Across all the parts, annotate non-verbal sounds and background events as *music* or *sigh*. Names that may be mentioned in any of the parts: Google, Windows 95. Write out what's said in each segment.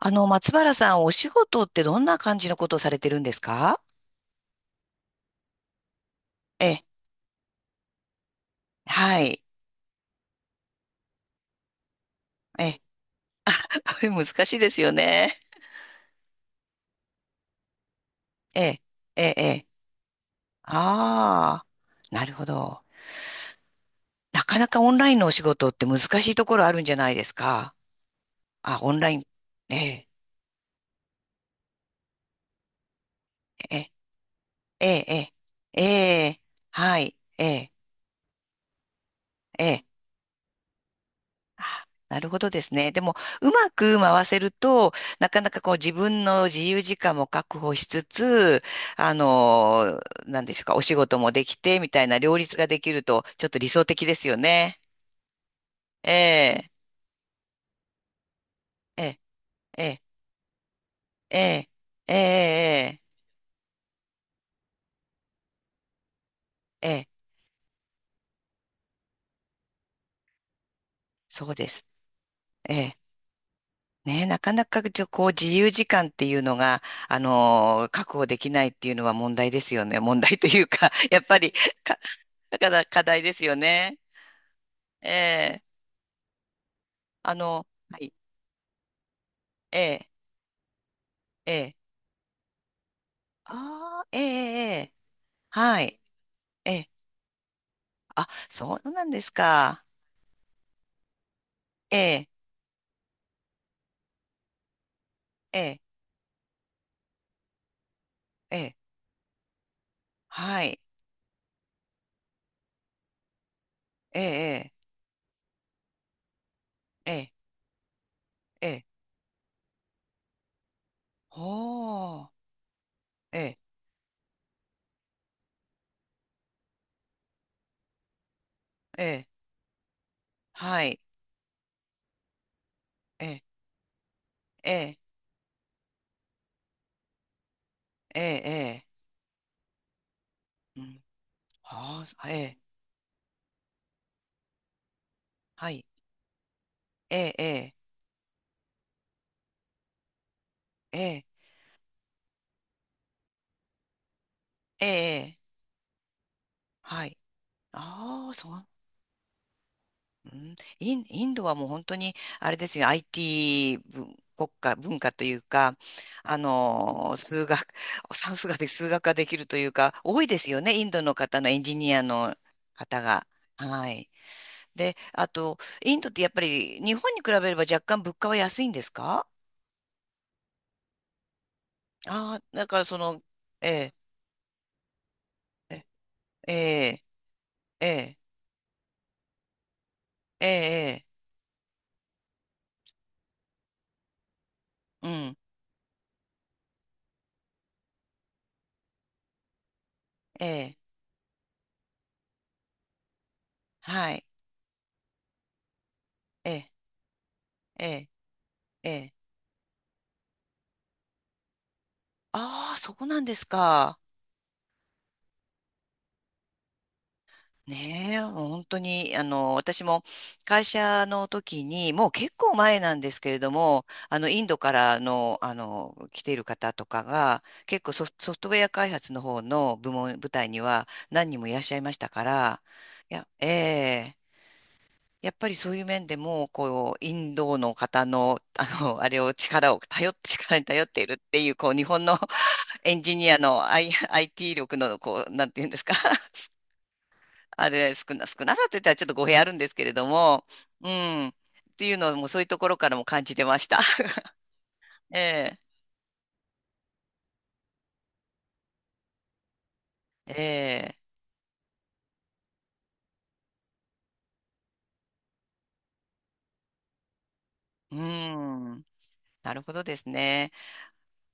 松原さん、お仕事ってどんな感じのことをされてるんですか？ええ、はい。ええ、*laughs* 難しいですよね。ええ、ええ、ええ。ああ、なるほど。なかなかオンラインのお仕事って難しいところあるんじゃないですか？あ、オンライン。ええ、ええ、ええ、ええ、ええ、はい、ええ、ええ。あ、なるほどですね。でも、うまく回せると、なかなかこう自分の自由時間も確保しつつ、あの、なんでしょうか、お仕事もできて、みたいな両立ができると、ちょっと理想的ですよね。ええ、ええ、ええ、ええ、ええ、ええ、ええ、そうです。ええ。ね、なかなかこう自由時間っていうのが、確保できないっていうのは問題ですよね。問題というか、やっぱりか、だから課題ですよね。ええ。はい。ええ、ええ。ああ、ええ、ええ。はい。ええ。あ、そうなんですか。ええ、ええ、ええ。はい。ええ、ええ、ええ。ええ、ほう。ええ、ええ。はい。ええ、ええ、ええ、ええ。うん。ああ、ええ。はい。ええ、ええ、ええ、ええ。はい。ああ、そう、うん、インドはもう本当に、あれですよ、IT 文国家、文化というか、数学、*laughs* 算数がで、数学ができるというか、多いですよね、インドの方のエンジニアの方が。はい。で、あと、インドってやっぱり日本に比べれば若干物価は安いんですか？ああー、だからその、ええ、ええ、ええ、ええ、ええ、うん、ええ、はい、ええ、ええ、ええ。ああ、そこなんですか。ねえ、本当に、私も会社の時に、もう結構前なんですけれども、インドからの、来ている方とかが、結構ソフトウェア開発の方の部門、部隊には何人もいらっしゃいましたから、いや、ええ、やっぱりそういう面でも、こう、インドの方の、*laughs* あれを力を頼って、力に頼っているっていう、こう、日本の *laughs* エンジニアの、IT 力の、こう、なんていうんですか？ *laughs* あれ、少なさって言ったらちょっと語弊あるんですけれども、うん。っていうのもそういうところからも感じてました。*laughs* ええ、ええ、うん。なるほどですね。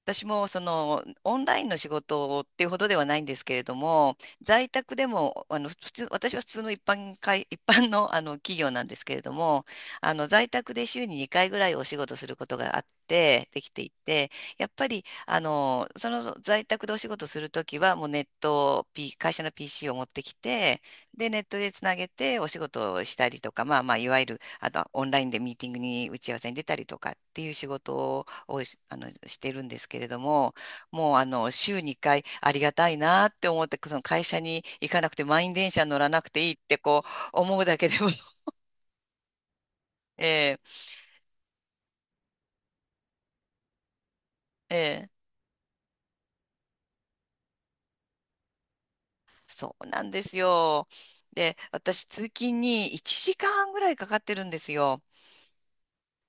私もそのオンラインの仕事っていうほどではないんですけれども、在宅でも普通、私は普通の一般会、*laughs* 一般の、企業なんですけれども、在宅で週に2回ぐらいお仕事することがあって、できていて、やっぱりその在宅でお仕事するときは、もうネット P、会社の PC を持ってきて、で、ネットでつなげてお仕事をしたりとか、まあまあ、いわゆるオンラインでミーティングに打ち合わせに出たりとかっていう仕事をし、してるんですけれども、もう週2回ありがたいなって思って、その会社に行かなくて満員電車乗らなくていいってこう思うだけでも、*laughs* えええー、そうなんですよ。で、私通勤に1時間ぐらいかかってるんですよ。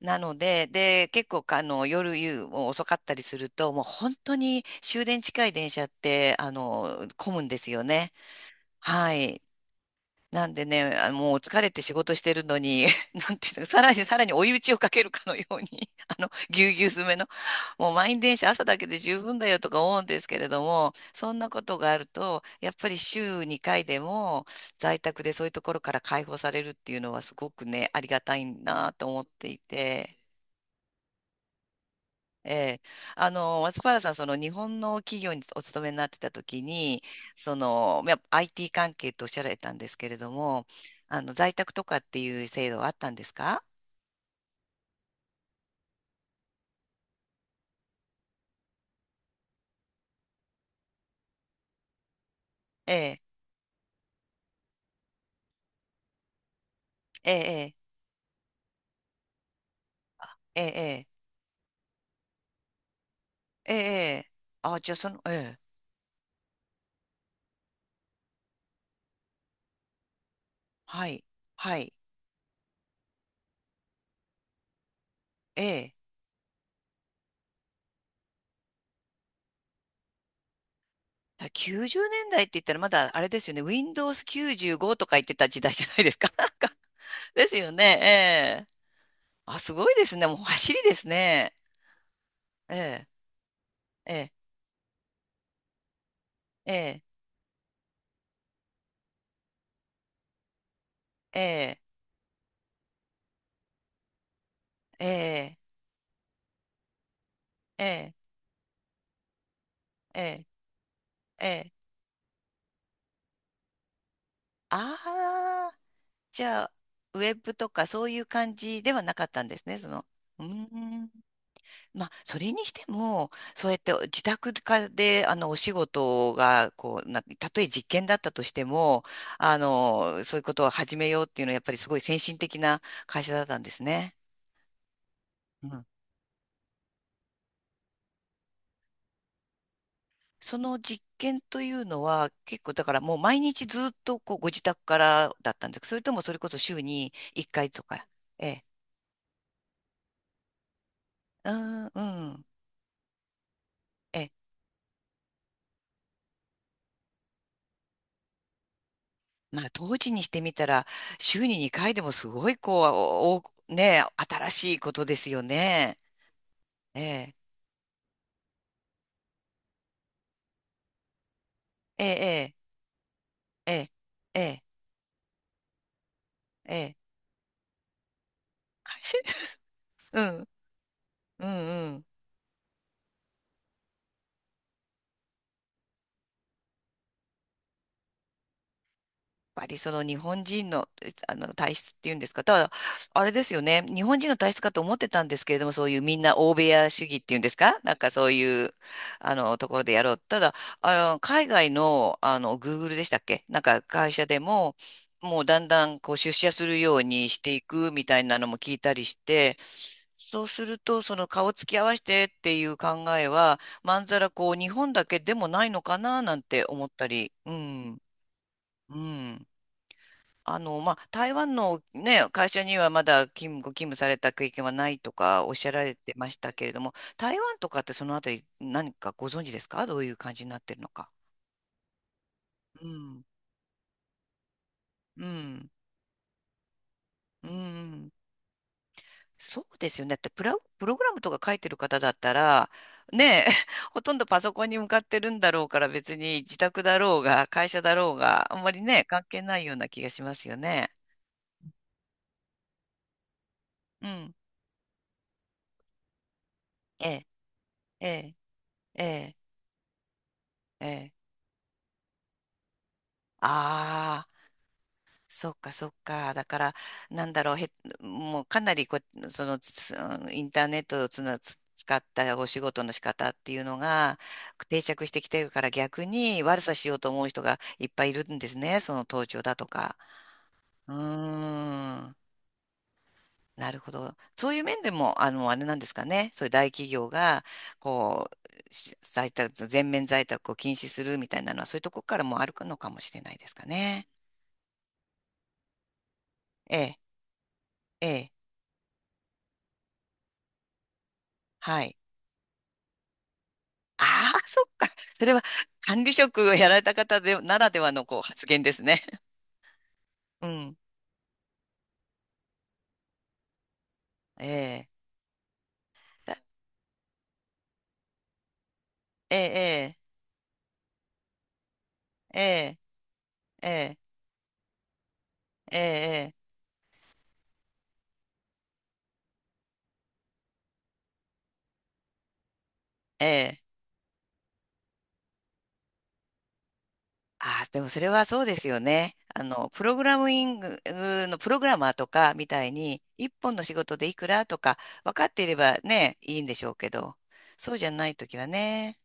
なので、で、結構夜夕も遅かったりすると、もう本当に終電近い電車って、混むんですよね。はい。なんでね、あ、もう疲れて仕事してるのに、*laughs* なんていうの、さらにさらに追い打ちをかけるかのように、*laughs* ぎゅうぎゅう詰めの、もう満員電車朝だけで十分だよとか思うんですけれども、そんなことがあると、やっぱり週2回でも在宅でそういうところから解放されるっていうのはすごくね、ありがたいなと思っていて、ええ、松原さん、その日本の企業にお勤めになってた時に、その、やっぱ IT 関係とおっしゃられたんですけれども、在宅とかっていう制度はあったんですか？ええ、ええ、ええ、ええ、ええ、あ、じゃあその、ええ、はい、はい、ええ、あ、90年代って言ったらまだあれですよね、Windows 95とか言ってた時代じゃないですか。*laughs* なんかですよね、ええ。あ、すごいですね。もう走りですね。ええ、ええ、ええ、ええ。ええ、ええ、ええ、ええ。ああ、じゃあ、ウェブとかそういう感じではなかったんですね、その。うーん。まあ、それにしても、そうやって自宅かで、お仕事が、こう、たとえ実験だったとしても、そういうことを始めようっていうのは、やっぱりすごい先進的な会社だったんですね。その実験というのは結構だからもう毎日ずっとこうご自宅からだったんですか？それともそれこそ週に1回とか。ええ。うーん、うん。ええ。まあ当時にしてみたら週に2回でもすごいこう、ねえ、新しいことですよね。ええ。ええ、ええ、ええ、ええ。ええ、 *laughs* うん、うん、うん。ぱりその日本人の、えあの体質っていうんですか、ただ、あれですよね、日本人の体質かと思ってたんですけれども、そういうみんな欧米屋主義っていうんですか、なんかそういうところでやろう。ただ、海外の、Google でしたっけ、なんか会社でも、もうだんだんこう出社するようにしていくみたいなのも聞いたりして、そうすると、その顔つき合わせてっていう考えは、まんざらこう日本だけでもないのかななんて思ったり、うん、うん。まあ、台湾のね、会社にはまだご勤務された経験はないとかおっしゃられてましたけれども、台湾とかってそのあたり何かご存知ですか？どういう感じになってるのか。うん、うん、うん。そうですよね。だってプログラムとか書いてる方だったら、ねえ、*laughs* ほとんどパソコンに向かってるんだろうから別に自宅だろうが会社だろうがあんまりね、関係ないような気がしますよね。うん。ええ、ええ、ええ、ええ。ああ。そっかそっか。だから、なんだろう、もうかなりその、つうんインターネットをつな、つ使ったお仕事の仕方っていうのが定着してきてるから逆に悪さしようと思う人がいっぱいいるんですね。その盗聴だとか。うーん。なるほど。そういう面でも、あれなんですかね。そういう大企業が、こう、し在宅、全面在宅を禁止するみたいなのは、そういうところからもあるのかもしれないですかね。ええ、ええ、はい。ああ、そっか。*laughs* それは管理職をやられた方で、ならではのこう発言ですね。*laughs* うん。ええ。だええ、ええ、ええ、ええ、ええ。ええ、ああ、でもそれはそうですよね。プログラミングのプログラマーとかみたいに、一本の仕事でいくらとか分かっていればね、いいんでしょうけど、そうじゃないときはね。